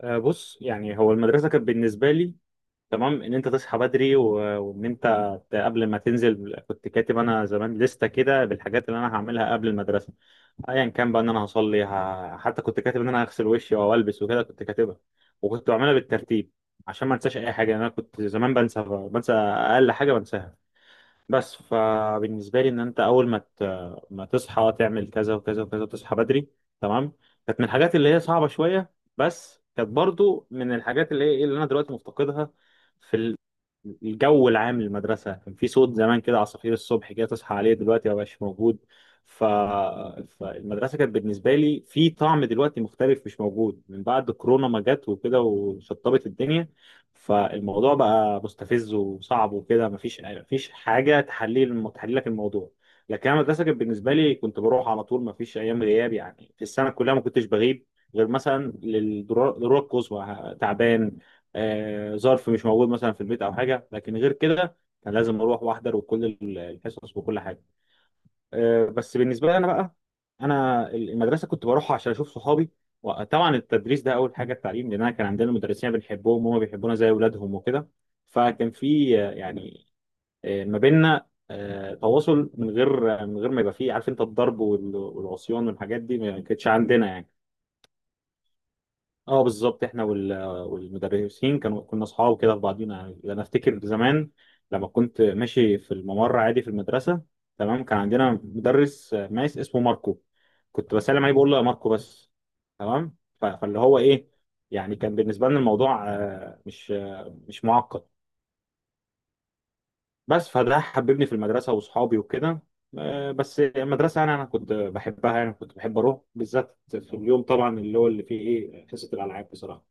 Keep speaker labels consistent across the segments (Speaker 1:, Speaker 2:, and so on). Speaker 1: آه، بص، يعني هو المدرسة كانت بالنسبة لي تمام إن أنت تصحى بدري وإن أنت قبل ما تنزل كنت كاتب أنا زمان لستة كده بالحاجات اللي أنا هعملها قبل المدرسة، أيا كان بقى، إن أنا هصلي حتى كنت كاتب إن أنا هغسل وشي أو ألبس وكده، كنت كاتبها وكنت بعملها بالترتيب عشان ما أنساش أي حاجة. يعني أنا كنت زمان بنسى أقل حاجة بنساها. بس فبالنسبة لي إن أنت أول ما ما تصحى تعمل كذا وكذا وكذا وتصحى بدري، تمام، كانت من الحاجات اللي هي صعبة شوية، بس كانت برضو من الحاجات اللي هي إيه، اللي أنا دلوقتي مفتقدها. في الجو العام للمدرسة، كان في صوت زمان كده، عصافير الصبح كده تصحى عليه، دلوقتي ما بقاش موجود. ف... فالمدرسة كانت بالنسبة لي في طعم دلوقتي مختلف، مش موجود من بعد كورونا ما جت وكده وشطبت الدنيا. فالموضوع بقى مستفز وصعب وكده، مفيش حاجه تحليل تحليلك الموضوع. لكن انا المدرسه كانت بالنسبه لي كنت بروح على طول، مفيش ايام غياب يعني، في السنه كلها ما كنتش بغيب غير مثلا للضرورة الضرورة القصوى، تعبان، آه، ظرف مش موجود مثلا في البيت او حاجه، لكن غير كده كان لازم اروح واحضر وكل الحصص وكل حاجه. بس بالنسبه لي انا بقى، انا المدرسه كنت بروح عشان اشوف صحابي، وطبعا التدريس ده اول حاجه، التعليم، لان انا كان عندنا مدرسين بنحبهم وهم بيحبونا زي اولادهم وكده. فكان في يعني ما بيننا تواصل، من غير ما يبقى فيه، عارف انت، الضرب والعصيان والحاجات دي ما كانتش عندنا يعني. اه بالظبط، احنا والمدرسين كنا اصحاب كده في بعضينا يعني. انا افتكر زمان لما كنت ماشي في الممر عادي في المدرسه، تمام، كان عندنا مدرس ماس اسمه ماركو، كنت بسلم عليه بقول له يا ماركو بس، تمام. فاللي هو ايه، يعني كان بالنسبه لنا الموضوع مش معقد. بس فده حببني في المدرسه واصحابي وكده. بس المدرسه انا كنت بحبها يعني، كنت بحب اروح بالذات في اليوم طبعا اللي هو اللي فيه ايه، حصه الالعاب، بصراحه.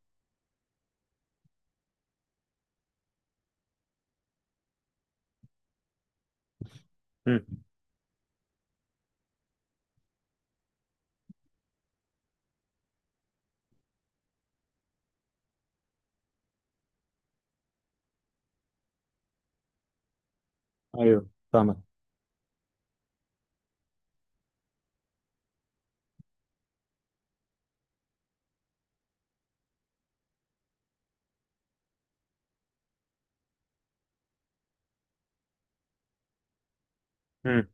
Speaker 1: ايوه، فاهمك. امم.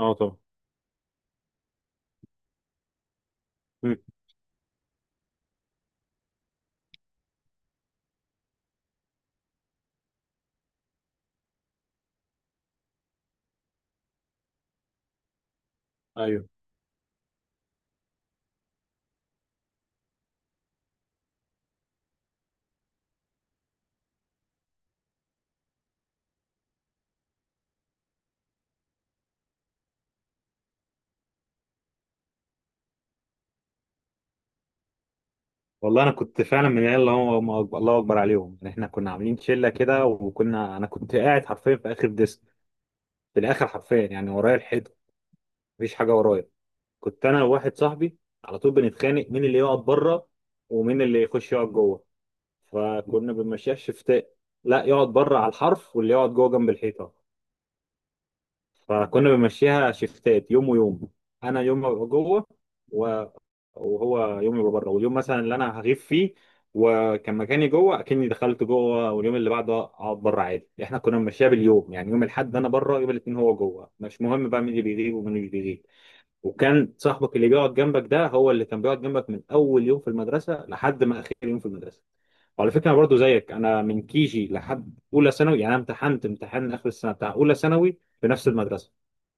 Speaker 1: اه، طبعا. امم. ايوه. والله انا كنت فعلا من العيال اللي هو هم الله اكبر عليهم يعني. احنا كنا عاملين شله كده، انا كنت قاعد حرفيا في اخر ديسك، في الاخر حرفيا يعني، ورايا الحيطه، مفيش حاجه ورايا. كنت انا وواحد صاحبي على طول بنتخانق مين اللي يقعد بره ومين اللي يخش يقعد جوه، فكنا بنمشيها شفتات. لا، يقعد بره على الحرف، واللي يقعد جوه جنب الحيطه، فكنا بنمشيها شفتات يوم ويوم. انا يوم ابقى جوه وهو يومي يبقى بره، واليوم مثلا اللي انا هغيب فيه وكان مكاني جوه، اكني دخلت جوه، واليوم اللي بعده اقعد بره عادي. احنا كنا ماشيين باليوم يعني، يوم الاحد انا بره، يوم الاثنين هو جوه، مش مهم بقى مين اللي بيغيب ومين اللي مش بيغيب. وكان صاحبك اللي بيقعد جنبك ده هو اللي كان بيقعد جنبك من اول يوم في المدرسه لحد ما اخر يوم في المدرسه. وعلى فكره انا برضه زيك، انا من كيجي لحد اولى ثانوي يعني، انا امتحنت امتحان اخر السنه بتاع اولى ثانوي في نفس المدرسه،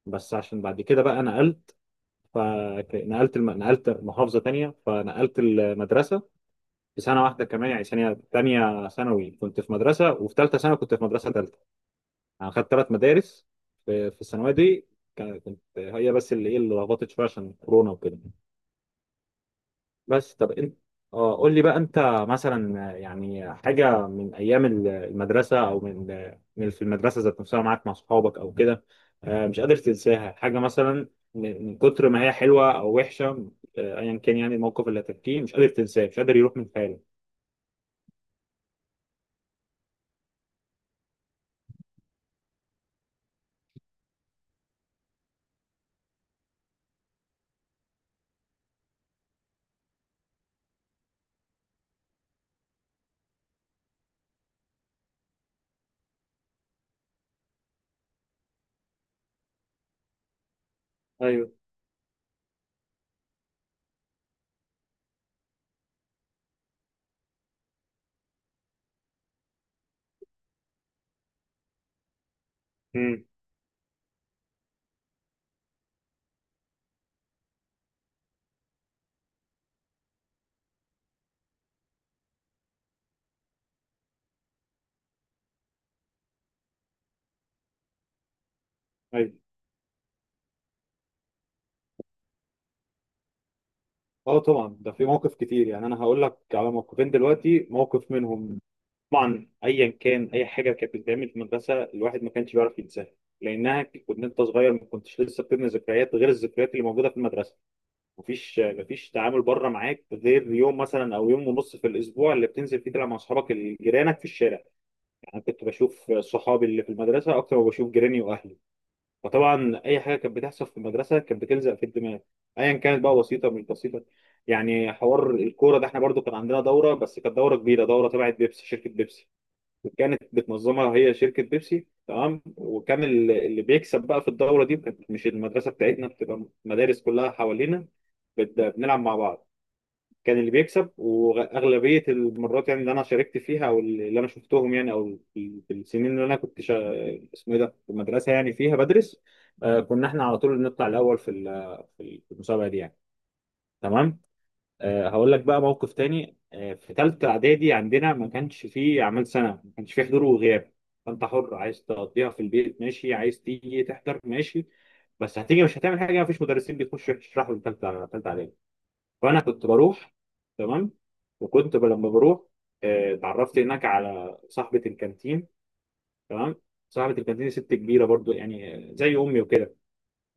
Speaker 1: بس عشان بعد كده بقى انا فنقلت نقلت محافظة تانية فنقلت المدرسة، في سنة واحدة كمان، يعني سنة تانية ثانوي كنت في مدرسة، وفي تالتة ثانوي كنت في مدرسة تالتة. أنا خدت تلات مدارس في الثانوية دي، كنت هي بس اللي إيه، اللي لخبطت شوية عشان كورونا وكده. بس طب انت، اه، قول لي بقى انت، مثلا يعني حاجه من ايام المدرسه او من في المدرسه ذات نفسها، معاك مع اصحابك او كده، مش قادر تنساها، حاجه مثلا من كتر ما هي حلوه او وحشه، ايا كان يعني الموقف اللي هتحكيه مش قادر تنساه، مش قادر يروح من خيالك. ايوه. امم. ايوه. اه، طبعا، ده في موقف كتير يعني، انا هقول لك على موقفين دلوقتي، موقف منهم. طبعا ايا كان اي حاجه كانت بتتعمل في المدرسه الواحد ما كانش بيعرف ينساها، لانها كنت انت صغير، ما كنتش لسه بتبني ذكريات غير الذكريات اللي موجوده في المدرسه، مفيش تعامل بره معاك غير يوم مثلا او يوم ونص في الاسبوع اللي بتنزل فيه تلعب مع اصحابك اللي جيرانك في الشارع، يعني كنت بشوف صحابي اللي في المدرسه اكتر ما بشوف جيراني واهلي. فطبعا اي حاجه كانت بتحصل في المدرسه كانت بتلزق في الدماغ، ايا كانت بقى، بسيطه مش بسيطه. يعني حوار الكوره ده احنا برضو كان عندنا دوره، بس كانت دوره كبيره، دوره تبعت بيبسي، شركه بيبسي كانت بتنظمها هي، شركة بيبسي، تمام. وكان اللي بيكسب بقى في الدورة دي، كانت مش المدرسة بتاعتنا، بتبقى مدارس كلها حوالينا بنلعب مع بعض، كان اللي بيكسب وأغلبية المرات يعني اللي أنا شاركت فيها أو اللي أنا شفتهم يعني، أو في السنين اللي أنا كنت اسمه إيه ده، في المدرسة يعني فيها بدرس، آه، كنا إحنا على طول نطلع الأول في المسابقة دي يعني، تمام. هقول لك بقى موقف تاني، في تالتة إعدادي عندنا ما كانش فيه أعمال سنة، ما كانش فيه حضور وغياب، فأنت حر، عايز تقضيها في البيت ماشي، عايز تيجي تحضر ماشي، بس هتيجي مش هتعمل حاجة، مفيش مدرسين بيخشوا يشرحوا في تالتة إعدادي. فأنا كنت بروح، تمام، وكنت لما بروح، اتعرفت هناك على صاحبة الكانتين، تمام. صاحبة الكانتين ست كبيرة برضو يعني، زي أمي وكده،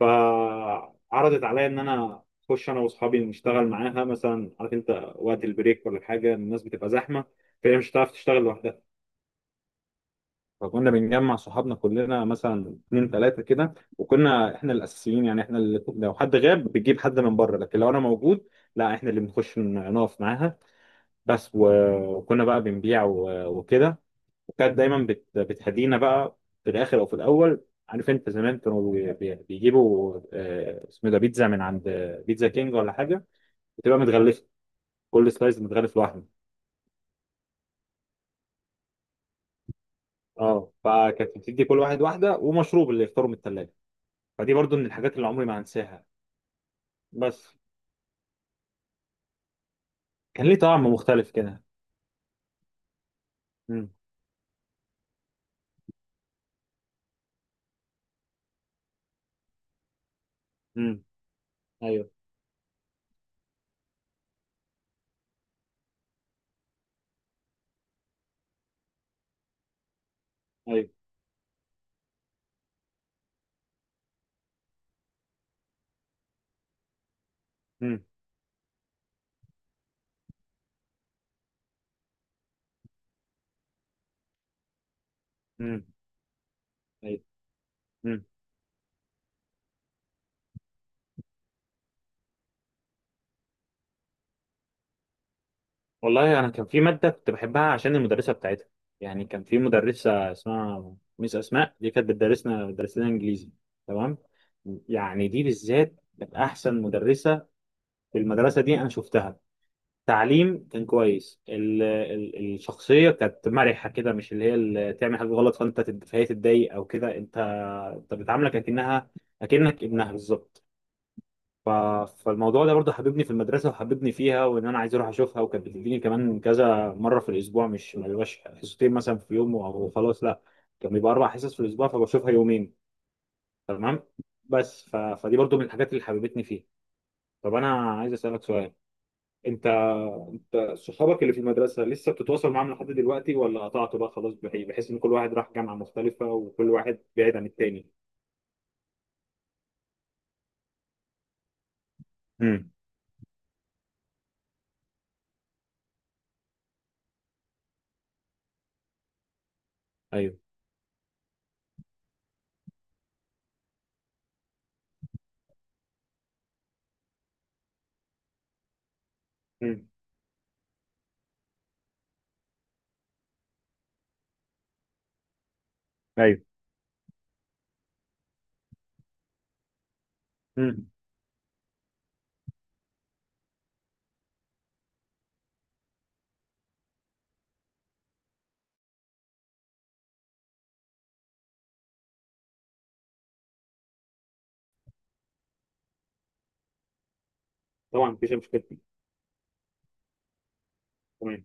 Speaker 1: فعرضت عليا ان انا اخش انا واصحابي نشتغل معاها، مثلا عارف انت وقت البريك ولا حاجه الناس بتبقى زحمه فهي مش هتعرف تشتغل لوحدها. فكنا بنجمع صحابنا كلنا، مثلا اتنين تلاته كده، وكنا احنا الاساسيين يعني، احنا اللي لو حد غاب بتجيب حد من بره، لكن لو انا موجود لا، احنا اللي بنخش نقف معاها بس. و- وكنا بقى بنبيع وكده، وكانت دايما بتهدينا بقى في الاخر او في الاول، عارف انت، زمان كانوا بيجيبوا اسمه ده، بيتزا، من عند بيتزا كينج ولا حاجه، بتبقى متغلفه، كل سلايز متغلف لوحده. اه، فكانت بتدي كل واحد واحده ومشروب اللي يختاروا من الثلاجه. فدي برضو من الحاجات اللي عمري ما هنساها. بس، كان ليه طعم مختلف كده. امم. امم. ايوه. ايوه. امم. امم. ايوه. والله انا كان في ماده كنت بحبها عشان المدرسه بتاعتها، يعني كان في مدرسه اسمها ميس اسماء، دي كانت بتدرس لنا انجليزي، تمام، يعني دي بالذات كانت احسن مدرسه في المدرسه دي انا شفتها، تعليم كان كويس، ال ال الشخصيه كانت مرحه كده، مش اللي هي اللي تعمل حاجه غلط فانت فهي تتضايق او كده، انت بتعاملك اكنك ابنها بالظبط. ف- فالموضوع ده برضه حببني في المدرسة وحببني فيها، وإن أنا عايز أروح أشوفها. وكانت بتديني كمان كذا مرة في الأسبوع، مش ما بيبقاش حصتين مثلا في يوم أو خلاص، لا، كان بيبقى أربع حصص في الأسبوع فبشوفها يومين، تمام. بس فدي برضه من الحاجات اللي حببتني فيه. طب أنا عايز أسألك سؤال، أنت أنت صحابك اللي في المدرسة لسه بتتواصل معاهم لحد دلوقتي، ولا قطعت بقى خلاص بحيث إن كل واحد راح جامعة مختلفة وكل واحد بعيد عن التاني؟ امم. ايوه. امم. ايوه. امم. طبعا، مفيش مشكلة. تمام.